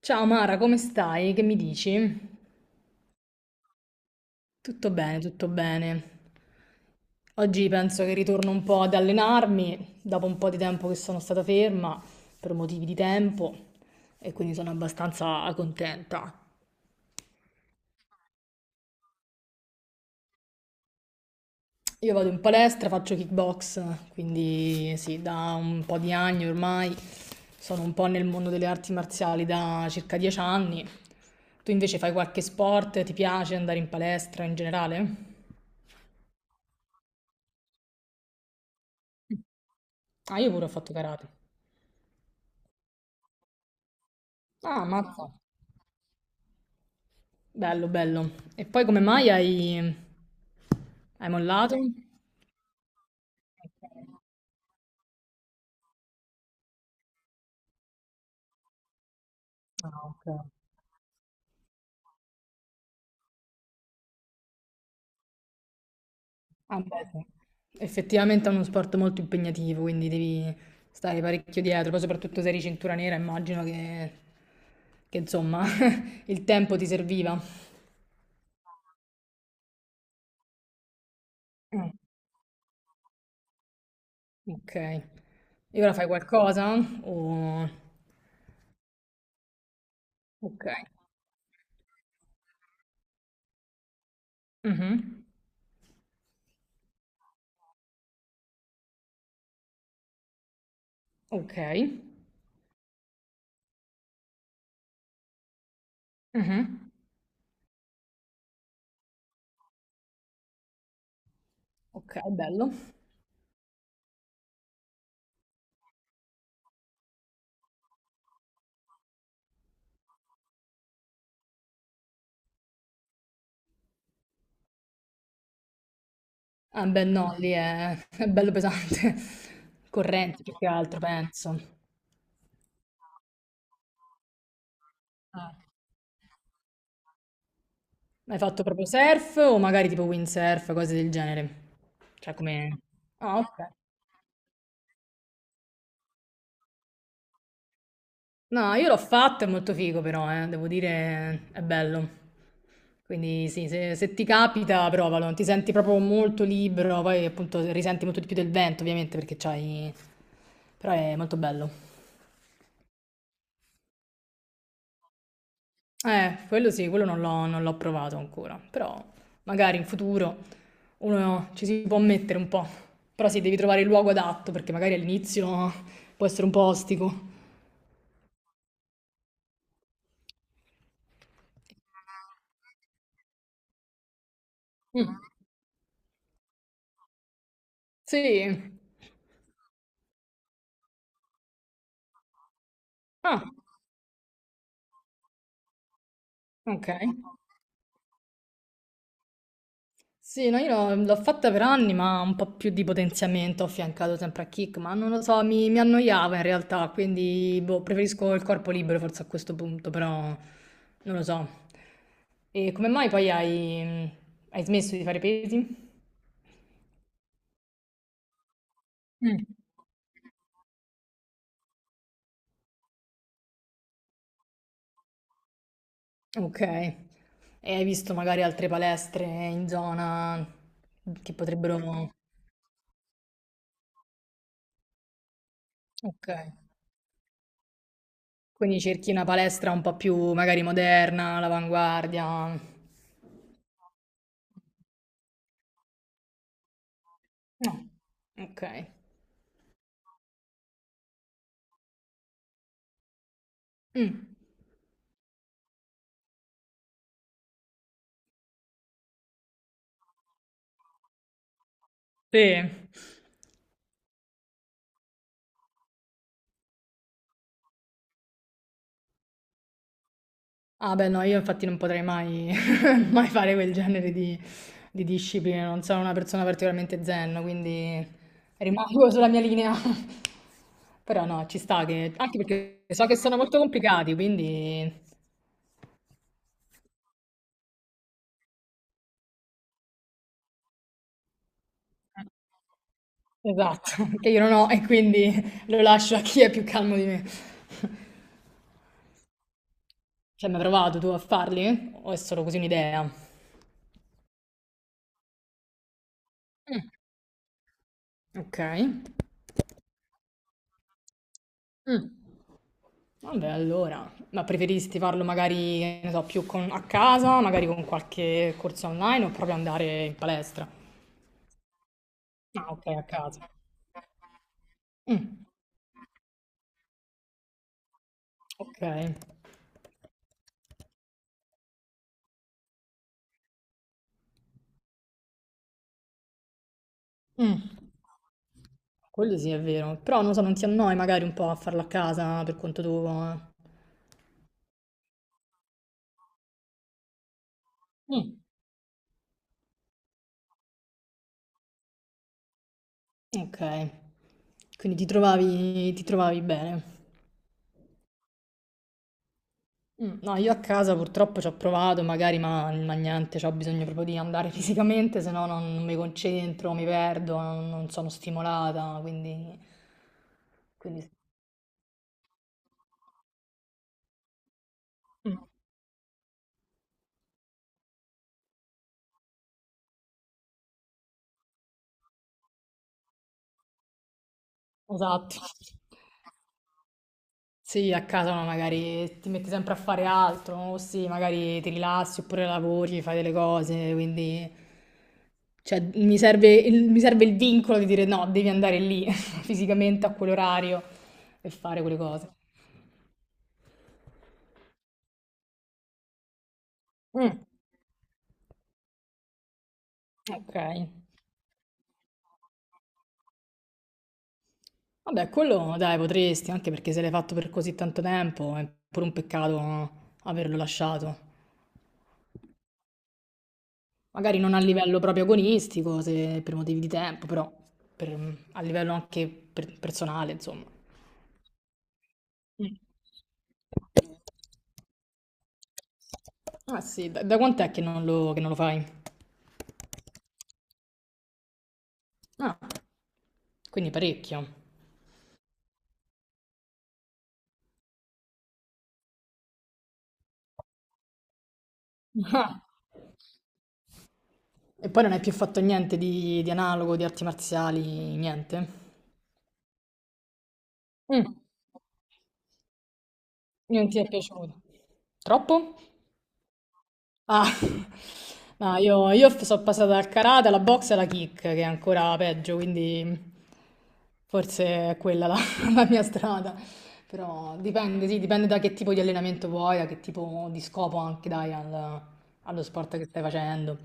Ciao Mara, come stai? Che mi dici? Tutto bene, tutto bene. Oggi penso che ritorno un po' ad allenarmi, dopo un po' di tempo che sono stata ferma per motivi di tempo e quindi sono abbastanza contenta. Io vado in palestra, faccio kickbox, quindi sì, da un po' di anni ormai sono un po' nel mondo delle arti marziali da circa 10 anni. Tu invece fai qualche sport? Ti piace andare in palestra in generale? Ah, io pure ho fatto karate. Ah, mazza. Bello, bello. E poi come mai hai mollato? Ok. Ah, ok. Ah, beh, sì. Effettivamente è uno sport molto impegnativo, quindi devi stare parecchio dietro, poi soprattutto se eri cintura nera, immagino che, insomma il tempo ti serviva. Mm, ok. E ora fai qualcosa? O... Ok. Mhm. Ok. Mhm. Ok, bello. Ah, beh, no, lì è, è bello pesante. Correnti più che altro, penso. Ah. Hai fatto proprio surf o magari tipo windsurf, cose del genere? Cioè, come... Ah, ok. No, io l'ho fatto, è molto figo però, devo dire, è bello. Quindi sì, se ti capita, provalo. Ti senti proprio molto libero, poi appunto risenti molto di più del vento, ovviamente, perché c'hai. Però è molto bello. Quello sì, quello non l'ho provato ancora, però magari in futuro uno ci si può mettere un po', però sì, devi trovare il luogo adatto perché magari all'inizio può essere un po' ostico. Mm, sì. Ah, ok. Sì, no, io l'ho fatta per anni, ma un po' più di potenziamento ho affiancato sempre a kick, ma non lo so, mi annoiava in realtà, quindi boh, preferisco il corpo libero forse a questo punto, però non lo so. E come mai poi hai smesso di fare pesi? Mm. Ok, e hai visto magari altre palestre in zona che potrebbero. Ok, quindi cerchi una palestra un po' più magari moderna, all'avanguardia. No, ok. Mh, sì. Ah beh no, io infatti non potrei mai mai fare quel genere di discipline, non sono una persona particolarmente zen, quindi rimango sulla mia linea. Però no, ci sta che anche perché so che sono molto complicati, quindi. Esatto, che io non ho e quindi lo lascio a chi è più calmo di me. Ci hai mai provato tu a farli? O è solo così un'idea? Mh, okay. Mh. Vabbè, allora, ma preferisti farlo magari, che ne so, più a casa, magari con qualche corso online o proprio andare in palestra? Ah, ok, a casa. Mm, ok. Mm, quello sì è vero, però non so, non ti annoi magari un po' a farlo a casa per conto tuo? Eh? Mm, ok, quindi ti trovavi bene. Mm, no, io a casa purtroppo ci ho provato, magari, ma niente, ho bisogno proprio di andare fisicamente, se no non mi concentro, mi perdo, non sono stimolata, quindi. Mm, esatto. Sì, a casa no, magari ti metti sempre a fare altro, o sì, magari ti rilassi oppure lavori, fai delle cose, quindi cioè, mi serve il vincolo di dire no, devi andare lì fisicamente a quell'orario e fare quelle cose. Mm, ok. Vabbè, quello dai, potresti, anche perché se l'hai fatto per così tanto tempo è pure un peccato no, averlo lasciato. Magari non a livello proprio agonistico, se per motivi di tempo, però a livello anche personale, insomma. Mm. Ah sì, da quant'è che non lo fai? Ah, quindi parecchio. Ah, E poi non hai più fatto niente di analogo, di arti marziali, niente? Mm. Non ti è piaciuto? Troppo? Ah, no, io sono passata dal karate alla box e alla kick, che è ancora peggio, quindi forse è quella la, la mia strada. Però dipende, sì, dipende da che tipo di allenamento vuoi, da che tipo di scopo anche dai allo sport che stai facendo.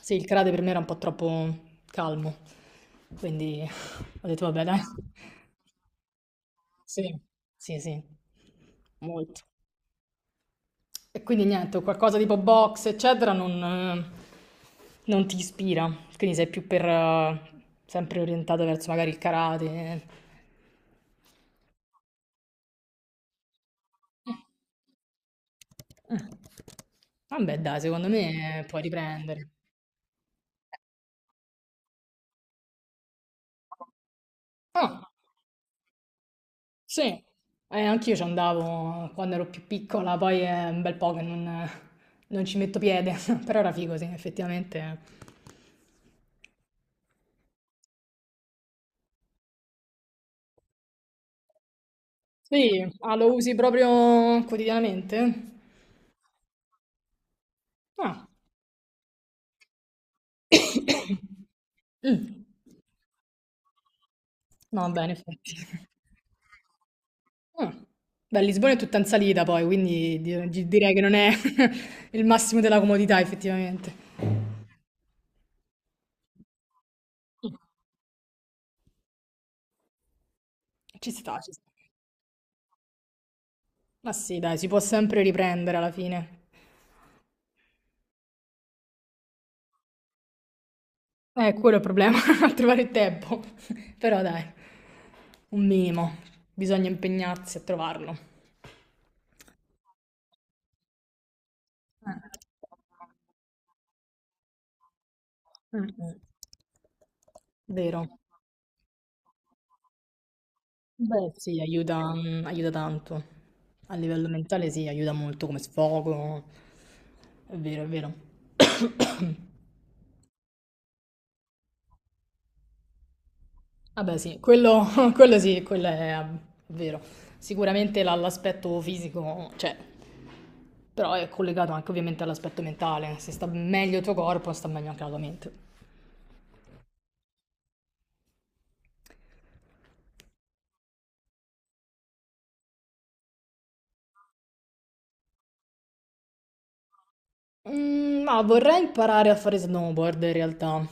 Sì, il karate per me era un po' troppo calmo, quindi ho detto vabbè, dai. Sì, sì, sì, molto. E quindi niente, qualcosa tipo box, eccetera, non ti ispira. Quindi sei più per, sempre orientato verso magari il karate. Eh. Vabbè, dai, secondo me puoi riprendere. Ah, sì, anch'io ci andavo quando ero più piccola, poi è un bel po' che non ci metto piede, però era figo, sì, effettivamente. Sì, ah, lo usi proprio quotidianamente? Ah. Mm. No, beh, in effetti. Mh. Beh, Lisbona è tutta in salita poi, quindi di direi che non è il massimo della comodità effettivamente. Mm. Ci sta, ci sta. Ma sì, dai, si può sempre riprendere alla fine. Quello è il problema, a trovare il tempo. Però dai, un minimo, bisogna impegnarsi a trovarlo. Eh. Mh-mh. Vero. Beh sì, aiuta tanto. A livello mentale sì, aiuta molto come sfogo. È vero, è vero. Vabbè sì, quello quello sì, quello è vero. Sicuramente la l'aspetto fisico c'è, però è collegato anche ovviamente all'aspetto mentale. Se sta meglio il tuo corpo, sta meglio anche la tua mente. Mm, ma vorrei imparare a fare snowboard in realtà,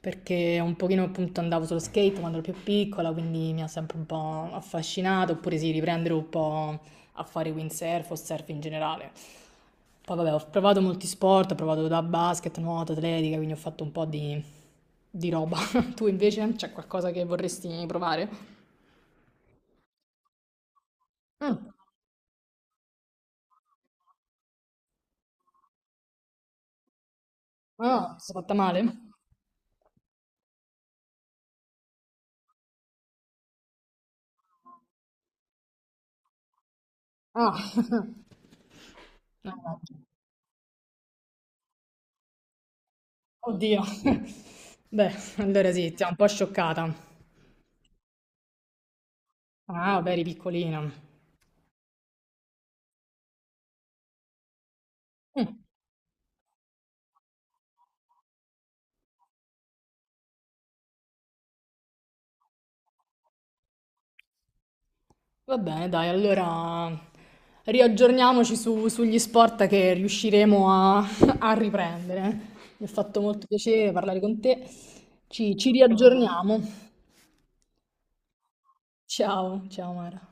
perché un pochino appunto andavo sullo skate quando ero più piccola, quindi mi ha sempre un po' affascinato, oppure sì, riprendere un po' a fare windsurf o surf in generale. Poi vabbè, ho provato molti sport, ho provato da basket, nuoto, atletica, quindi ho fatto un po' di roba. Tu invece c'è qualcosa che vorresti provare? Mm. Ah, mi sono fatta male? Ah, no. No. Oddio. Beh, allora sì, ti ha un po' scioccata. Ah, vabbè, eri piccolina. Mm, Va bene, dai, allora riaggiorniamoci sugli sport che riusciremo a, a riprendere. Mi ha fatto molto piacere parlare con te. Ci riaggiorniamo. Ciao, ciao Mara.